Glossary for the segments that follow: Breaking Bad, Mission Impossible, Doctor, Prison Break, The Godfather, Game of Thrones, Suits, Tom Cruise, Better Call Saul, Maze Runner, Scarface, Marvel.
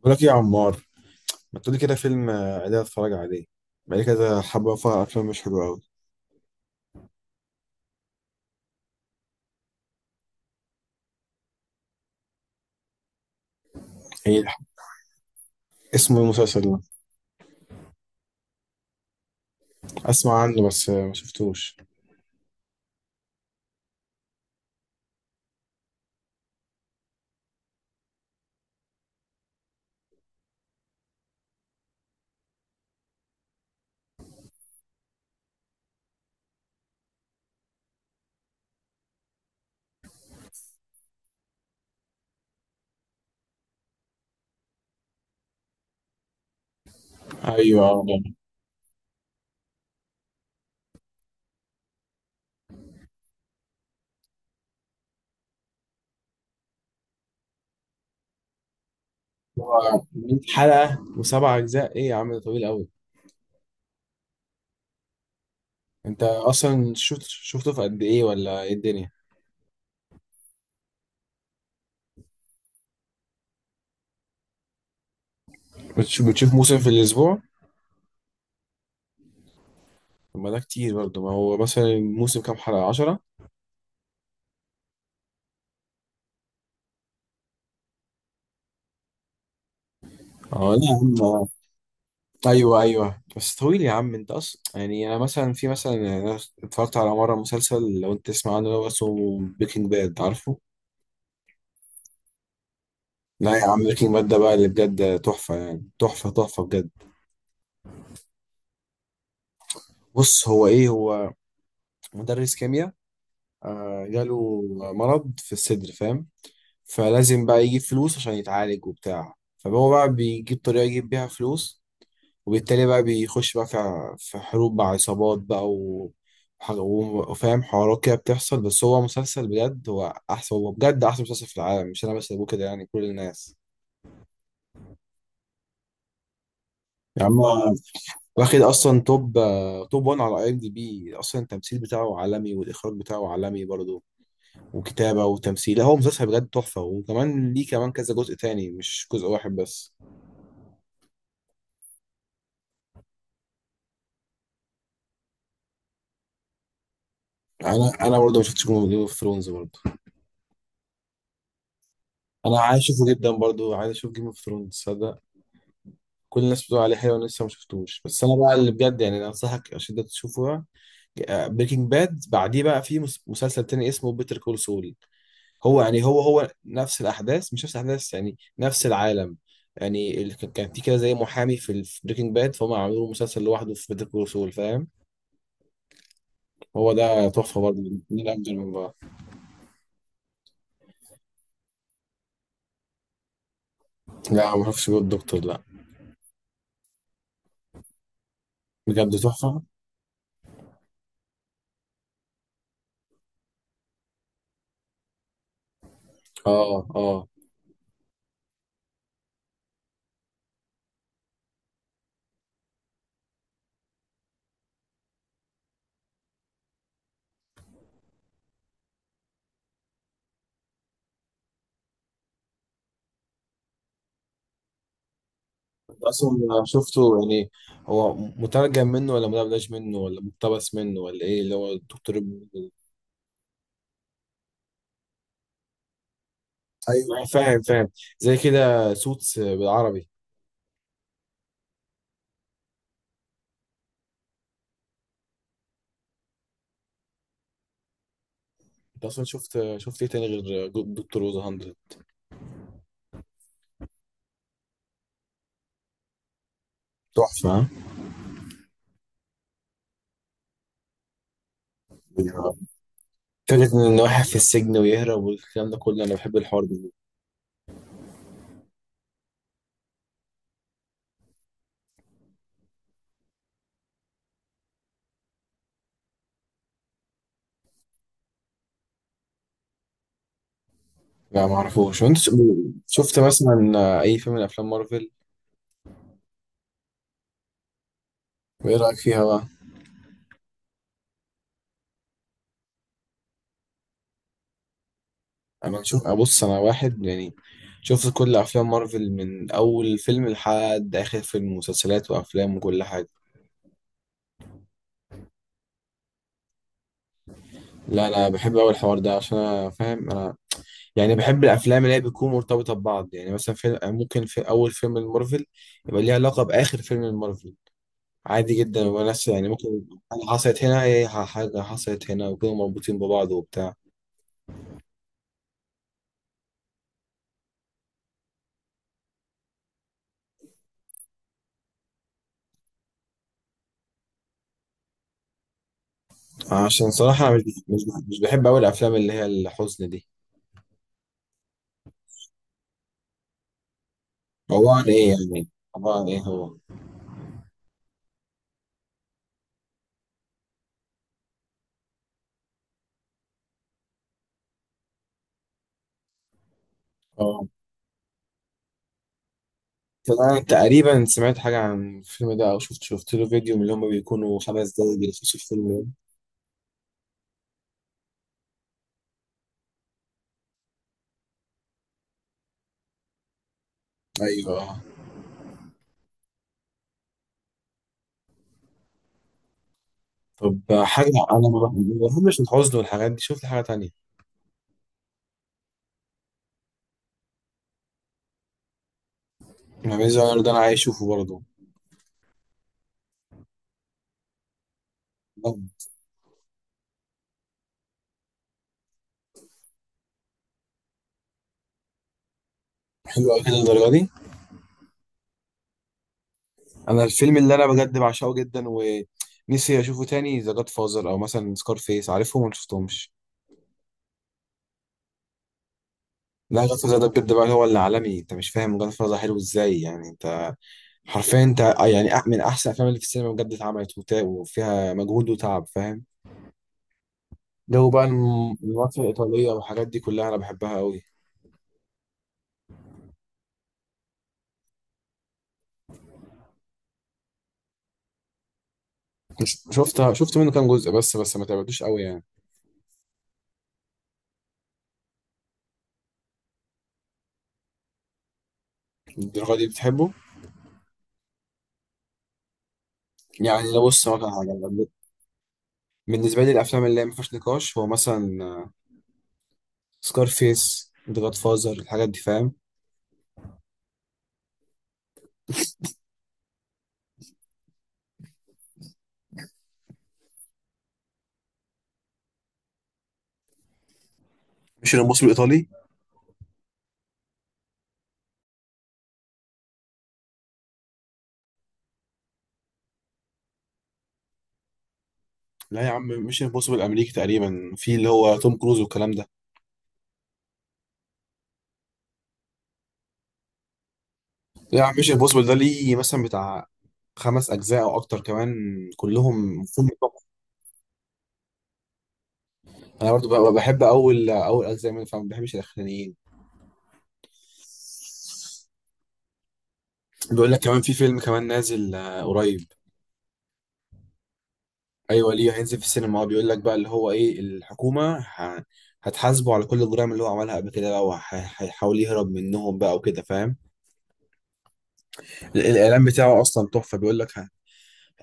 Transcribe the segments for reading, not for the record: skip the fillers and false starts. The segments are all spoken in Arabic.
بقول لك إيه يا عمار؟ ما تقولي كده فيلم عادي اتفرج عليه. بقالي كده حبة فيها أفلام مش حلوة أوي. إيه الح- اسمه إيه المسلسل ده؟ أسمع عنه بس ما شفتوش. أيوه هو 100 حلقة وسبع أجزاء إيه يا عم؟ ده طويل أوي. أنت أصلا شفته في قد إيه ولا إيه الدنيا؟ بتشوف موسم في الأسبوع؟ طب ما ده كتير برضه، ما هو مثلا الموسم كام حلقة، 10؟ اه لا يا عم ايوه ايوه، بس طويل يا عم. انت اصلا يعني انا مثلا يعني انا اتفرجت على مره مسلسل، لو انت تسمع عنه، اللي هو اسمه بريكنج باد، عارفه؟ لا يا عم، بريكنج باد ده بقى اللي بجد تحفه، يعني تحفه بجد. بص هو هو مدرس كيمياء، جاله مرض في الصدر، فاهم؟ فلازم بقى يجيب فلوس عشان يتعالج وبتاع، فهو بقى بيجيب طريقه يجيب بيها فلوس. وبالتالي بقى بيخش بقى في حروب مع عصابات بقى و... وح- و- وفاهم حوارات كده بتحصل. بس هو مسلسل بجد، هو أحسن، هو بجد أحسن مسلسل في العالم، مش أنا بس اللي بقول كده يعني، كل الناس. يا عم هو واخد أصلا توب 1 على أي إم دي بي. أصلا التمثيل بتاعه عالمي، والإخراج بتاعه عالمي برضه، وكتابة وتمثيل، لا، هو مسلسل بجد تحفة. وكمان ليه كمان كذا جزء تاني، مش جزء واحد بس. أنا برضه ما شفتش جيم أوف ثرونز برضه. أنا عايز أشوفه جدا برضه، عايز أشوف جيم أوف ثرونز. كل الناس بتقول عليه حلو، انا لسه ما شفتوش. بس انا بقى اللي بجد يعني، انا انصحك اشد تشوفه بقى بريكنج باد. بعديه بقى في مسلسل تاني اسمه بيتر كول سول. هو يعني هو نفس الاحداث، مش نفس الاحداث يعني، نفس العالم. يعني كان في كده زي محامي في بريكنج باد، فهم عملوا له مسلسل لوحده في بيتر كول سول، فاهم؟ هو ده تحفه برضه. من افضل من بعض. لا ما اعرفش الدكتور، لا. بجد تحفه. اه اه. اصلا شفته يعني هو مترجم منه ولا مدبلج منه ولا مقتبس منه ولا ايه؟ اللي هو الدكتور ايوه فاهم فاهم. زي كده سوتس بالعربي. انت اصلا شفت ايه تاني غير دكتور روز 100؟ تحفة ها؟ ايوه. فكرة ان واحد في السجن ويهرب والكلام ده كله، انا بحب الحوار ده. لا ما اعرفوش. وانت شفت مثلا اي فيلم من افلام مارفل؟ وايه رايك فيها بقى؟ انا نشوف ابص انا واحد يعني شفت كل افلام مارفل، من اول فيلم لحد اخر فيلم، مسلسلات وافلام وكل حاجه. لا انا بحب اول الحوار ده، عشان انا فاهم انا، يعني بحب الافلام اللي هي بتكون مرتبطه ببعض. يعني مثلا فيلم، ممكن في اول فيلم المارفل يبقى ليه علاقه باخر فيلم المارفل، عادي جدا. وناس يعني ممكن حاجه حصلت هنا، هي حاجه حصلت هنا، وكانوا مربوطين ببعض وبتاع. عشان صراحه انا مش مش بحب اول الافلام اللي هي الحزن دي. عباره عن ايه يعني؟ عباره عن ايه هو؟ آه. فأنا تقريبا سمعت حاجة عن الفيلم ده، أو شفت له فيديو من اللي هما بيكونوا خمس دقايق بيلخصوا الفيلم ده. أيوه. طب حاجة أنا ما بحبش الحزن والحاجات دي، شفت حاجة تانية؟ ما بيز ده أنا عايز أشوفه برضه. طب، حلو أوي كده الدرجة دي؟ أنا الفيلم اللي أنا بجد بعشقه جدا ونفسي أشوفه تاني ذا جاد فازر، أو مثلا سكار فيس، عارفهم ولا مشفتهمش؟ لا جاد فازر ده بجد بقى هو اللي عالمي، أنت مش فاهم جاد فازر حلو إزاي يعني. حرفيا انت يعني، من احسن الافلام اللي في السينما بجد اتعملت، وتا- وفيها مجهود وتعب، فاهم؟ جو بقى المافيا الايطاليه والحاجات دي كلها انا بحبها قوي. مش شفتها، شفت منه كام جزء بس، بس ما تعبتوش قوي يعني. الدرجه دي بتحبه؟ يعني لو بص مثلا حاجه أنا، بالنسبه لي الافلام اللي هي ما فيهاش نقاش هو مثلا سكارفيس، ذا جاد فازر، الحاجات دي فاهم. مش الامبوسيبل الايطالي؟ لا يا عم، مش الامبوسيبل الامريكي تقريبا في اللي هو توم كروز والكلام ده؟ لا يا عم، مش الامبوسيبل ده ليه مثلا بتاع خمس اجزاء او اكتر كمان، كلهم مفهوم تحفة. انا برضو بحب اول اجزاء منه، فما بحبش الاخرانيين. بيقول لك كمان في فيلم كمان نازل قريب. ايوه ليه، هينزل في السينما، هو بيقول لك بقى اللي هو ايه، الحكومه هتحاسبه على كل الجرائم اللي هو عملها قبل كده بقى، وهيحاول يهرب منهم بقى وكده، فاهم؟ الاعلان بتاعه اصلا تحفه، بيقول لك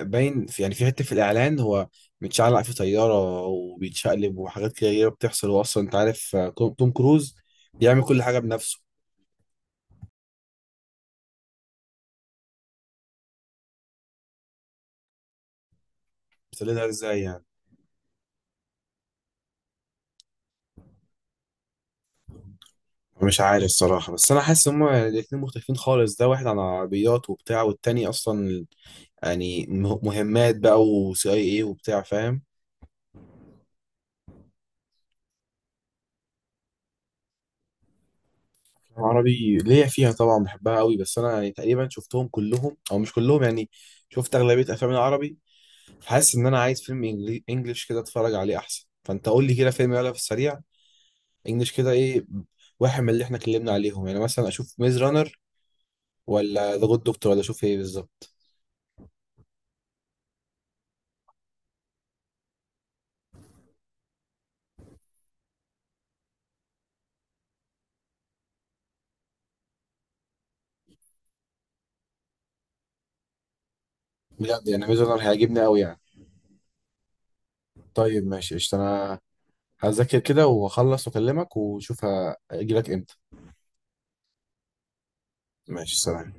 باين في يعني في حته في الاعلان، هو متشعلق في طياره وبيتشقلب وحاجات كده بتحصل. هو اصلا انت عارف، توم توم كروز بيعمل كل حاجه بنفسه. بس ليه ده، ازاي يعني؟ مش عارف الصراحه، بس انا حاسس هما الاتنين مختلفين خالص، ده واحد عن عربيات وبتاع، والتاني اصلا يعني مهمات بقى وسي اي اي وبتاع، فاهم؟ عربي ليا فيها طبعا، بحبها قوي، بس انا يعني تقريبا شفتهم كلهم او مش كلهم يعني، شفت اغلبيه افلام العربي. حاسس ان انا عايز فيلم انجليش كده اتفرج عليه احسن، فانت قول لي كده فيلم يلا في السريع، انجليش كده ايه، واحد من اللي احنا اتكلمنا عليهم، يعني مثلا اشوف ميز رانر، ولا ذا جود دكتور، ولا اشوف ايه بالظبط؟ بجد يعني ميز رانر هيعجبني قوي يعني؟ طيب ماشي قشطة، انا هذاكر كده واخلص واكلمك واشوف هاجي لك امتى. ماشي سلام.